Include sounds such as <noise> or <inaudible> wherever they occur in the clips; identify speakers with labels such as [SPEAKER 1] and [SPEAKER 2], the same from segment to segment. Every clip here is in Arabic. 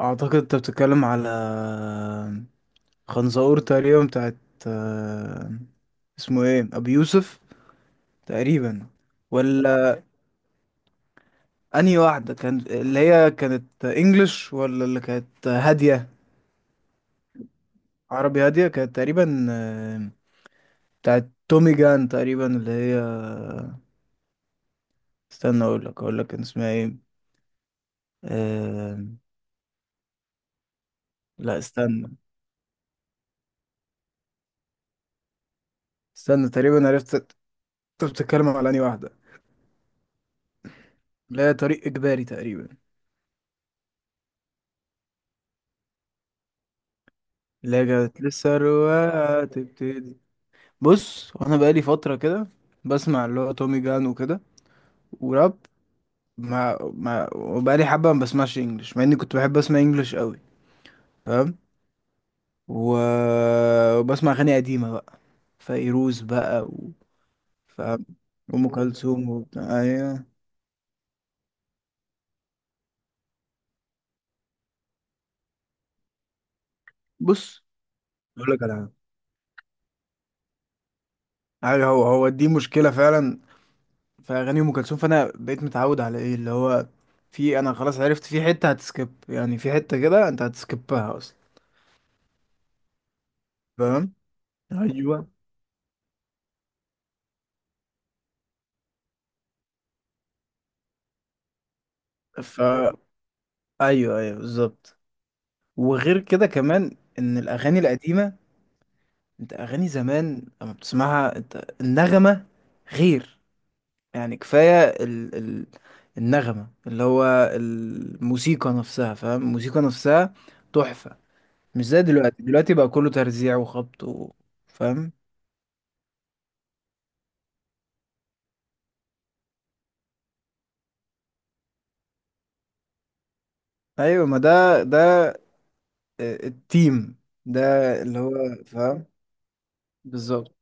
[SPEAKER 1] اعتقد انت بتتكلم على خنزقور تقريبا، بتاعت آه، اسمه ايه، ابو يوسف تقريبا. ولا انهي واحده كان؟ اللي هي كانت انجلش ولا اللي كانت هاديه؟ عربي، هاديه كانت تقريبا، بتاعت تومي جان تقريبا، اللي هي استنى، اقول لك كان اسمها ايه. آه، لا استنى تقريبا عرفت انت بتتكلم على انهي واحده. اللي هي طريق اجباري تقريبا. لجأت للثروة تبتدي. بص وانا بقالي فترة كده بسمع اللي هو تومي جان وكده، وراب. مع وبقالي حبة ما بسمعش انجلش، مع اني كنت بحب اسمع انجلش قوي، فاهم. و... وبسمع اغاني قديمة بقى، فيروز بقى فاهم. ام كلثوم وبتاع، ايوه. بص اقول لك على حاجة، أيوة، هو هو دي مشكلة فعلا في اغاني ام كلثوم، فانا بقيت متعود على ايه اللي هو، في، انا خلاص عرفت في حتة هتسكيب، يعني في حتة كده انت هتسكيبها اصلا، فاهم. ايوه. ف ايوه ايوه بالظبط. وغير كده كمان ان الاغاني القديمه، انت اغاني زمان لما بتسمعها، انت النغمه غير. يعني كفايه النغمه، اللي هو الموسيقى نفسها، فاهم، الموسيقى نفسها تحفه. مش زي دلوقتي بقى كله ترزيع وخبط فاهم. ايوه ما ده التيم ده، اللي هو فاهم، بالظبط.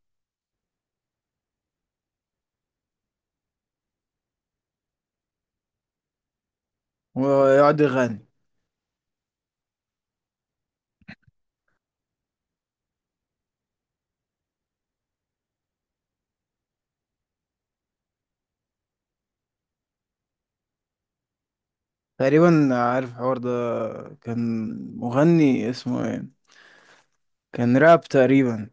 [SPEAKER 1] ويقعد يغني. تقريبا عارف الحوار ده. كان مغني اسمه ايه، كان راب تقريبا.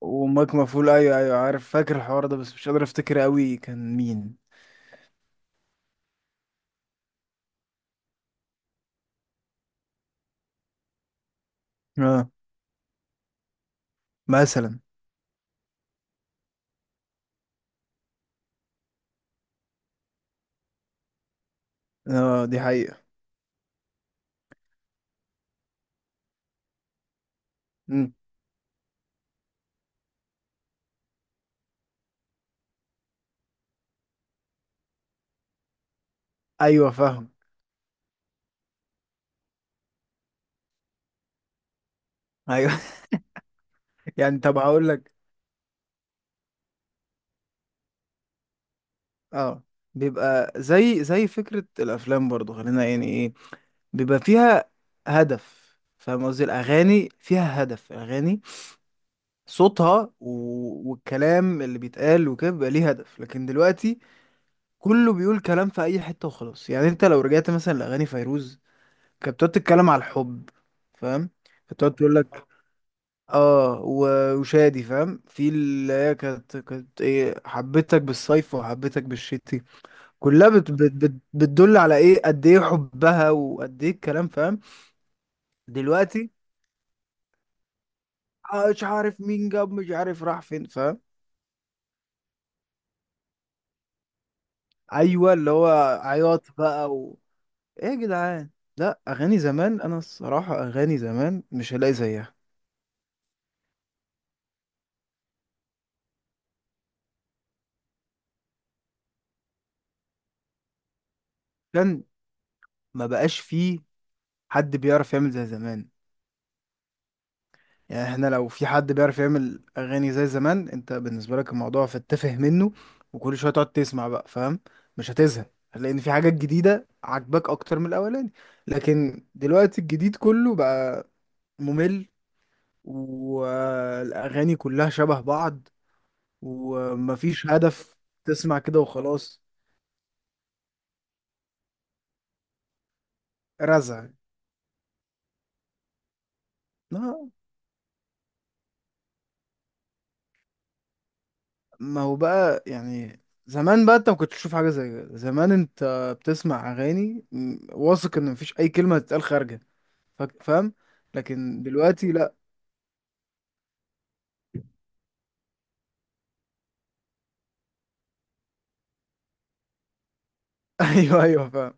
[SPEAKER 1] وماك مفعول، ايوه ايوه عارف، فاكر الحوار ده بس مش قادر افتكر قوي كان مين. اه مثلا، اه دي حقيقة. مم. ايوه فاهم. ايوه <laughs> يعني طب هقول لك. اه، بيبقى زي فكرة الافلام برضو، خلينا يعني ايه، بيبقى فيها هدف، فاهم قصدي الاغاني فيها هدف، الاغاني صوتها والكلام اللي بيتقال وكده بيبقى ليه هدف. لكن دلوقتي كله بيقول كلام في اي حته وخلاص. يعني انت لو رجعت مثلا لاغاني فيروز، كانت بتقعد تتكلم على الحب، فاهم. كانت بتقعد تقول لك اه، وشادي فاهم، في اللي هي كانت ايه، حبيتك بالصيف وحبيتك بالشتي. كلها بت بت بت بتدل على ايه قد ايه حبها وقد ايه الكلام، فاهم. دلوقتي، مش عارف مين جاب، مش عارف راح فين، فاهم. ايوه اللي هو عياط بقى ايه يا جدعان. لا اغاني زمان، انا الصراحه اغاني زمان مش هلاقي زيها. عشان ما بقاش فيه حد بيعرف يعمل زي زمان. يعني احنا لو في حد بيعرف يعمل اغاني زي زمان، انت بالنسبه لك الموضوع فتفه منه، وكل شويه تقعد تسمع بقى، فاهم. مش هتزهق لان في حاجات جديده عاجباك اكتر من الاولاني. لكن دلوقتي الجديد كله بقى ممل، والاغاني كلها شبه بعض، ومفيش هدف، تسمع كده وخلاص. رزع. ما هو بقى يعني زمان بقى، انت ما كنتش تشوف حاجه زي كده. زمان انت بتسمع اغاني، واثق ان مفيش اي كلمه تتقال خارجه، فاهم. لكن دلوقتي لا. <laughs> ايوه ايوه فاهم.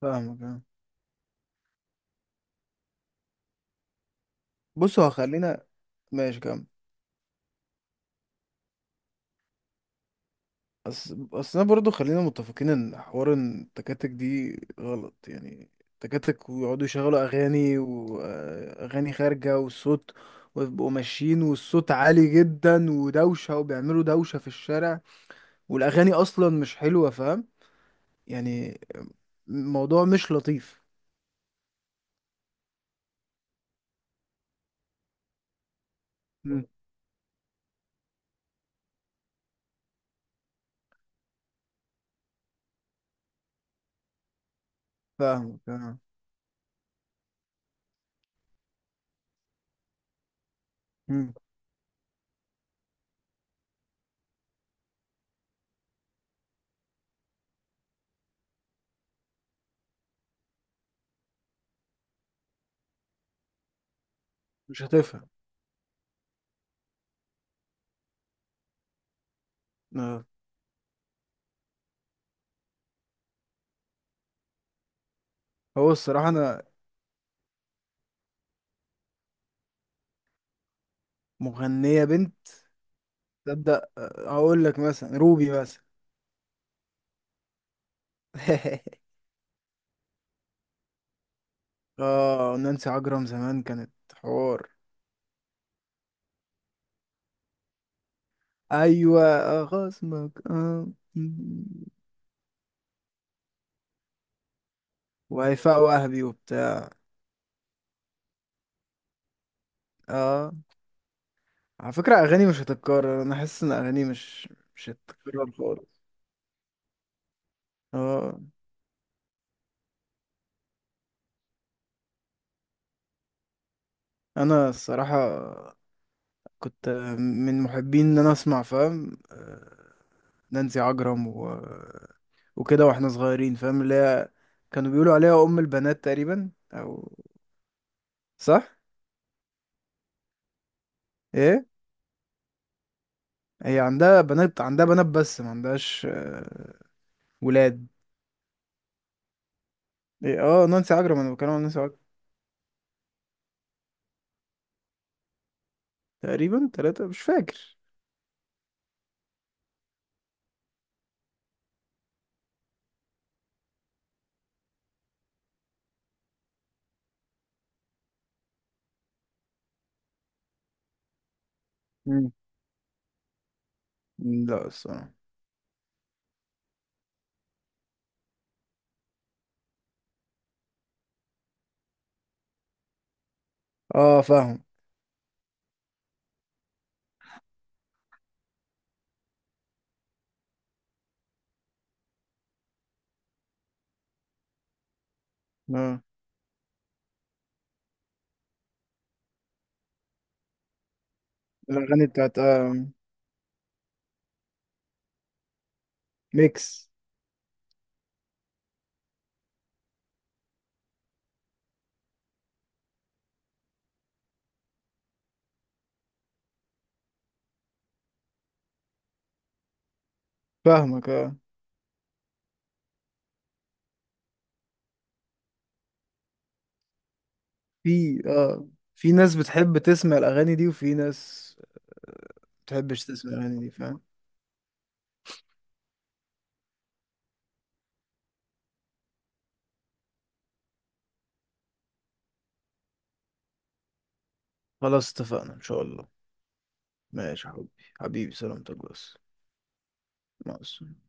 [SPEAKER 1] فاهمك فاهم. بص هو خلينا ماشي كام. بس انا برضو خلينا متفقين ان حوار إن التكاتك دي غلط، يعني التكاتك ويقعدوا يشغلوا اغاني واغاني خارجه، والصوت، ويبقوا ماشيين والصوت عالي جدا ودوشه، وبيعملوا دوشه في الشارع، والاغاني اصلا مش حلوه، فاهم. يعني الموضوع مش لطيف. مم. فاهمك آه. مم. مش هتفهم. آه. هو الصراحه انا، مغنيه بنت، تبدا اقول لك مثلا روبي مثلا. <laughs> اه نانسي عجرم زمان كانت حوار. ايوه خصمك اه. وهيفاء وهبي وبتاع. اه على فكره اغاني مش هتتكرر، انا حاسس ان اغاني مش هتتكرر خالص. اه انا الصراحه كنت من محبين ان انا اسمع، فاهم، نانسي عجرم وكده واحنا صغيرين، فاهم، اللي هي كانوا بيقولوا عليها ام البنات تقريبا، او صح. ايه، هي عندها بنات، عندها بنات بس ما عندهاش ولاد. إيه؟ اه نانسي عجرم انا بتكلم عن نانسي عجرم. تقريبا 3 مش فاكر. مم. لا الصراحة. اه فاهم. اه الاغاني بتاعت ميكس. فاهمك اه. في في ناس بتحب تسمع الاغاني دي، وفي ناس تحبش تسمع الأغاني دي، فاهم. خلاص اتفقنا إن شاء الله. ماشي يا حبيبي، حبيبي سلامتك بس. مع السلامة.